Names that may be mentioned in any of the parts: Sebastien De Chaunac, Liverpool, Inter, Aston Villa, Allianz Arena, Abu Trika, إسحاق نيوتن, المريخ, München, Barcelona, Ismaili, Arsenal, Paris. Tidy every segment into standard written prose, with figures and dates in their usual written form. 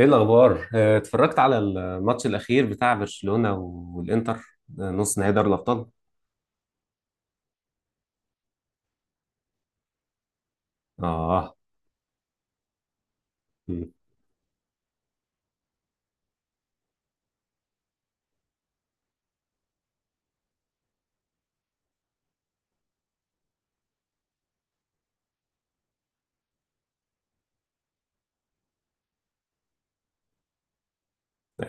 ايه الاخبار؟ اتفرجت على الماتش الاخير بتاع برشلونة والانتر. نص نهائي دوري الابطال. اه. مم.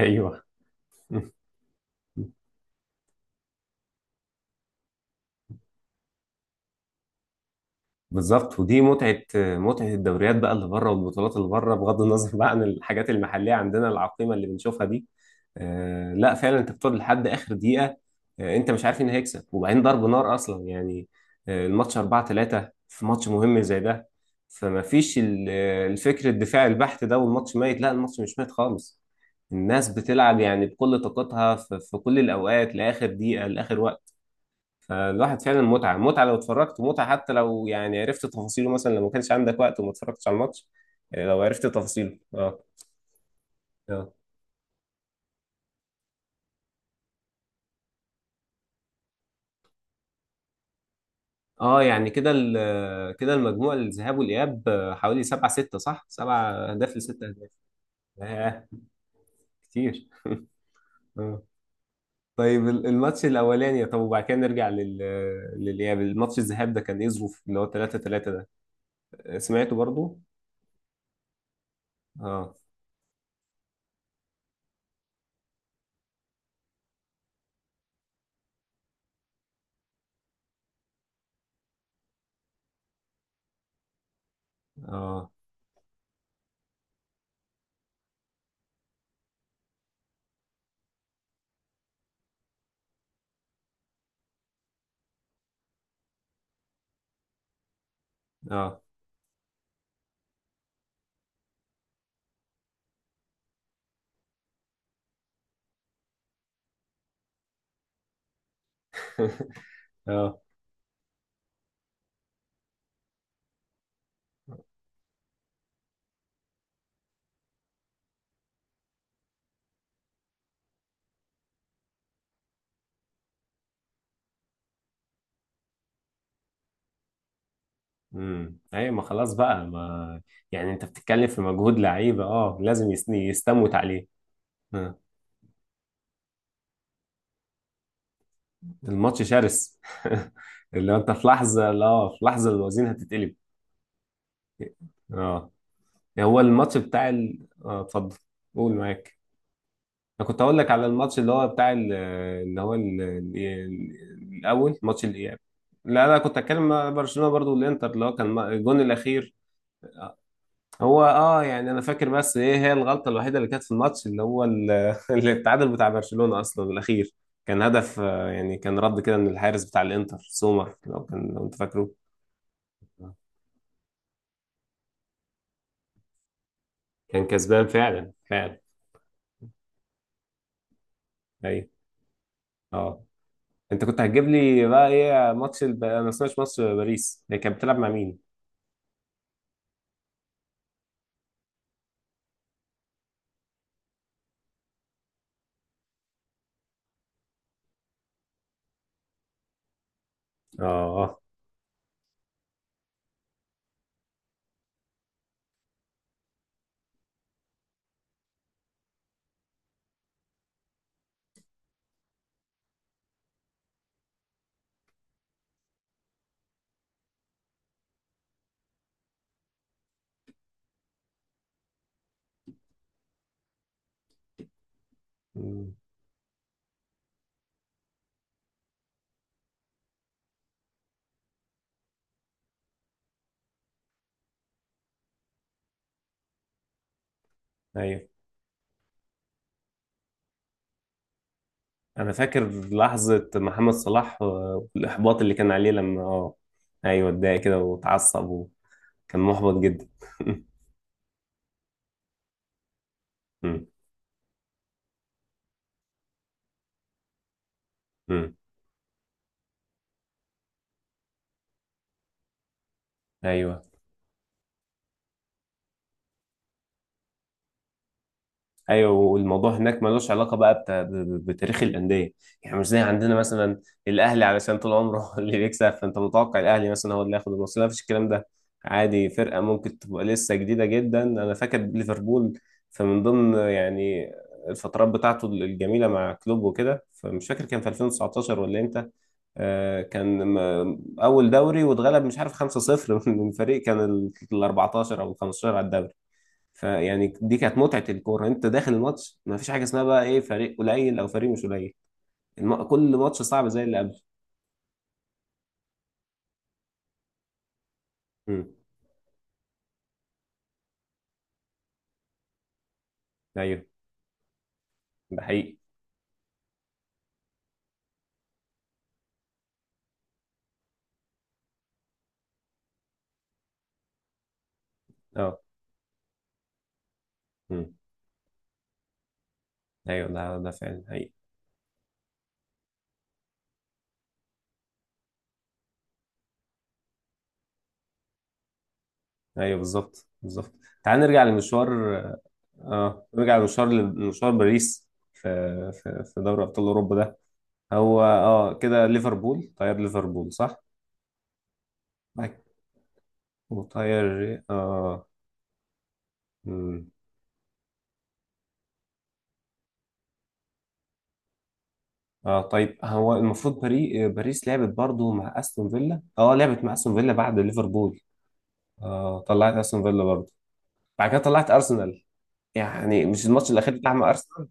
ايوه، بالظبط. ودي متعة متعة الدوريات بقى اللي بره والبطولات اللي بره، بغض النظر بقى عن الحاجات المحلية عندنا العقيمة اللي بنشوفها دي. آه، لا فعلا، انت بتقعد لحد آخر دقيقة. آه، انت مش عارف مين هيكسب، وبعدين ضرب نار أصلا يعني. آه، الماتش 4 3 في ماتش مهم زي ده. فما فيش الفكر الدفاعي البحت ده والماتش ميت. لا، الماتش مش ميت خالص. الناس بتلعب يعني بكل طاقتها في كل الأوقات لآخر دقيقة لآخر وقت. فالواحد فعلا متعة متعة لو اتفرجت، ومتعة حتى لو يعني عرفت تفاصيله، مثلا لو ما كانش عندك وقت وما اتفرجتش على الماتش. آه، لو عرفت تفاصيله. اه. اه. اه، يعني كده المجموع الذهاب والإياب، حوالي سبعة ستة، صح؟ سبعة أهداف لستة أهداف. آه، كتير. اه. طيب، الماتش الأولاني. طب وبعد كده نرجع لل للإياب. الماتش الذهاب ده كان إيه ظروف اللي هو 3 3 ده؟ آه، سمعته برضو؟ اه. اه. اه. اه. امم، ايوه، ما خلاص بقى ما. يعني انت بتتكلم في مجهود لعيبه، اه لازم يستموت عليه. آه. الماتش شرس. اللي هو انت في لحظه، لا، في لحظه الوزين هتتقلب. اه. يعني هو الماتش بتاع ال... اه، اتفضل. قول معاك. انا كنت اقول لك على الماتش اللي هو بتاع ال... اللي هو ال... ال... الاول، ماتش الاياب. لا لا، كنت اتكلم مع برشلونه برضو والانتر، اللي هو كان الجون الاخير. هو اه، يعني انا فاكر، بس ايه هي الغلطه الوحيده اللي كانت في الماتش اللي هو اللي التعادل بتاع برشلونه اصلا الاخير. كان هدف، يعني كان رد كده من الحارس بتاع الانتر سومر، لو كان لو انت فاكره. كان كسبان فعلا فعلا. ايوه. اه. انت كنت هتجيب لي بقى ايه ماتش الب... انا ما سمعتش ماتش باريس هي كانت بتلعب مع مين؟ اه. اه. مم. ايوه انا فاكر لحظه محمد صلاح، والاحباط اللي كان عليه لما اه. ايوه، اتضايق كده واتعصب، وكان محبط جدا. مم. مم. ايوه. ايوه، والموضوع هناك ملوش علاقه بقى بتا... ب... بتاريخ الانديه. يعني مش زي عندنا مثلا، الاهلي علشان طول عمره هو اللي بيكسب، فانت متوقع الاهلي مثلا هو اللي ياخد الماتش. لا، مفيش الكلام ده. عادي فرقه ممكن تبقى لسه جديده جدا. انا فاكر ليفربول فمن ضمن يعني الفترات بتاعته الجميله مع كلوب وكده، فمش فاكر كان في 2019 ولا امتى، كان اول دوري واتغلب مش عارف 5-0 من فريق كان ال 14 او ال 15 على الدوري. فيعني دي كانت متعة الكورة، انت داخل الماتش ما فيش حاجة اسمها بقى ايه فريق قليل او فريق مش قليل. الم... كل ماتش صعب زي اللي قبله. امم. ايوه، ده حقيقي. اه. امم. ايوه، ده ده فعلا حقيقي. ايوه بالظبط بالظبط. تعال نرجع لمشوار. اه، نرجع لمشوار، لمشوار باريس في في في دوري ابطال اوروبا ده. هو اه كده ليفربول طيار ليفربول، صح؟ بعد- وطير اه. مم. اه، طيب هو المفروض باري... باريس لعبت برضو مع استون فيلا، اه لعبت مع استون فيلا بعد ليفربول. اه طلعت استون فيلا برضو. بعد كده طلعت ارسنال، يعني مش الماتش الاخير بتاع مع ارسنال.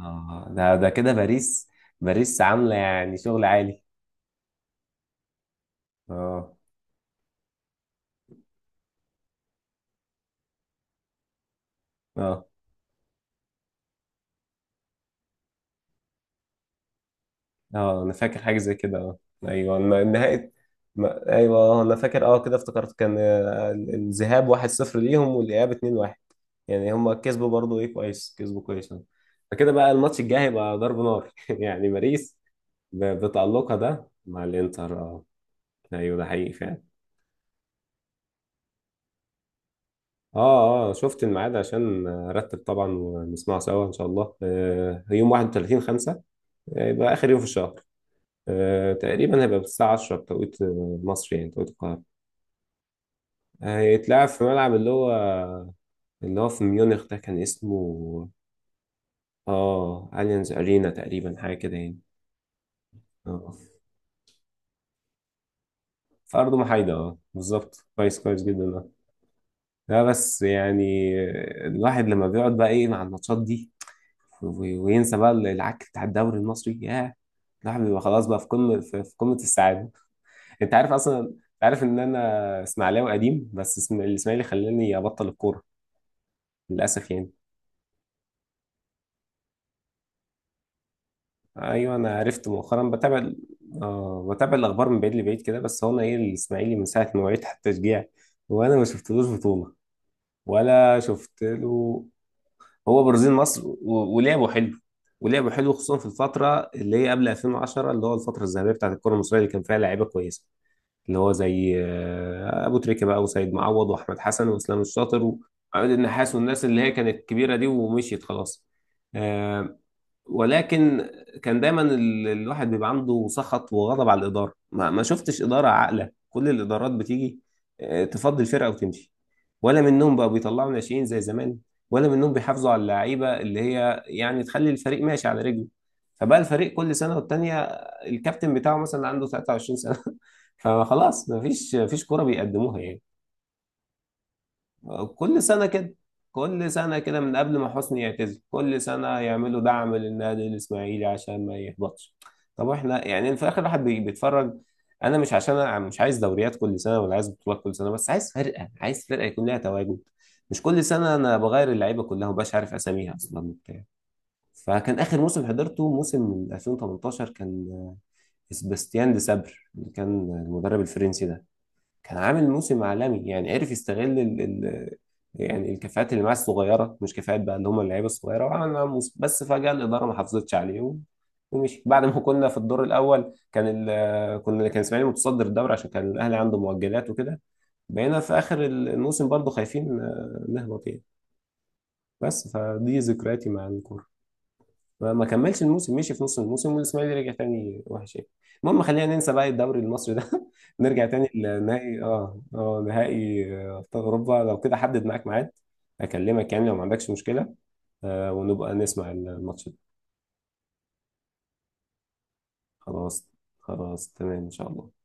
اه، ده ده كده باريس، باريس عامله يعني شغل عالي. اه. اه. اه، انا فاكر حاجه زي كده، اه. ايوه نهايه. ما... ايوه انا فاكر، اه كده افتكرت كان، الذهاب 1-0 ليهم والاياب 2-1، يعني هم كسبوا برضه، ايه، كويس، كسبوا كويس أهو. فكده بقى الماتش الجاي هيبقى ضرب نار، يعني باريس بتألقها ده مع الانتر، اه. ايوه، ده حقيقي فعلا. اه اه، شفت الميعاد عشان ارتب طبعا ونسمعه سوا ان شاء الله. آه، يوم 31 5، يبقى اخر يوم في الشهر. آه تقريبا هيبقى الساعة 10 بتوقيت مصر، يعني توقيت القاهرة. هيتلعب في ملعب اللي هو اللي هو في ميونخ، ده كان اسمه اه اليانز ارينا تقريبا، حاجة كده يعني. آه. في أرض محايدة، اه بالظبط، كويس كويس جدا ده. لا بس يعني الواحد لما بيقعد بقى ايه مع الماتشات دي، وينسى بقى العك بتاع الدوري المصري، ياه، الواحد بيبقى خلاص بقى في قمة في قمة السعادة. انت عارف اصلا، انت عارف ان انا اسماعيلاوي قديم، بس الاسماعيلي خلاني ابطل الكورة للأسف يعني. ايوه، انا عرفت مؤخرا بتابع اه بتابع الاخبار من بعيد لبعيد كده، بس هو انا ايه، الاسماعيلي من ساعة ما وعيت حتى تشجيع، وانا ما شفتلوش بطولة ولا شفت له. هو برازيل مصر، ولعبوا حلو، ولعبوا حلو خصوصا في الفترة اللي هي قبل 2010، اللي هو الفترة الذهبية بتاعت الكرة المصرية اللي كان فيها لعيبة كويسة، اللي هو زي أبو تريكة بقى وسيد معوض وأحمد حسن وإسلام الشاطر وعماد النحاس، والناس اللي هي كانت كبيرة دي ومشيت خلاص. آه، ولكن كان دايما الواحد بيبقى عنده سخط وغضب على الإدارة، ما شفتش إدارة عاقلة، كل الإدارات بتيجي، تفضي الفرقة وتمشي، ولا منهم بقى بيطلعوا ناشئين زي زمان، ولا منهم بيحافظوا على اللعيبة اللي هي يعني تخلي الفريق ماشي على رجله. فبقى الفريق كل سنة والتانية، الكابتن بتاعه مثلا عنده 23 سنة. فخلاص، مفيش كورة بيقدموها يعني. كل سنة كده، كل سنة كده من قبل ما حسني يعتزل، كل سنة يعملوا دعم للنادي الإسماعيلي عشان ما يهبطش. طب احنا يعني في الآخر الواحد بيتفرج. أنا مش عشان، أنا مش عايز دوريات كل سنة ولا عايز بطولات كل سنة، بس عايز فرقة، عايز فرقة يكون لها تواجد. مش كل سنة أنا بغير اللعيبة كلها ومبقاش عارف أساميها أصلا وبتاع. فكان آخر موسم حضرته موسم من 2018، كان سباستيان دي سابر اللي كان المدرب الفرنسي ده، كان عامل موسم عالمي، يعني عرف يستغل ال يعني الكفاءات اللي معاه الصغيره، مش كفاءات بقى اللي هم اللعيبه الصغيره، وعمل معاهم موسم. بس فجاه الاداره ما حافظتش عليه ومشي، بعد ما كنا في الدور الاول، كان ال كنا، كان اسماعيلي متصدر الدوري عشان كان الاهلي عنده مؤجلات وكده. بقينا في اخر الموسم برضه خايفين نهبط يعني. بس فدي ذكرياتي مع الكوره. ما كملش الموسم، مشي في نص الموسم والاسماعيلي رجع تاني وحش يعني. المهم، خلينا ننسى بقى الدوري المصري ده. نرجع تاني لنهائي، اه اه نهائي، ابطال اوروبا. لو كده حدد معاك ميعاد اكلمك يعني، لو ما عندكش مشكلة. آه، ونبقى نسمع الماتش ده. خلاص، خلاص تمام ان شاء الله.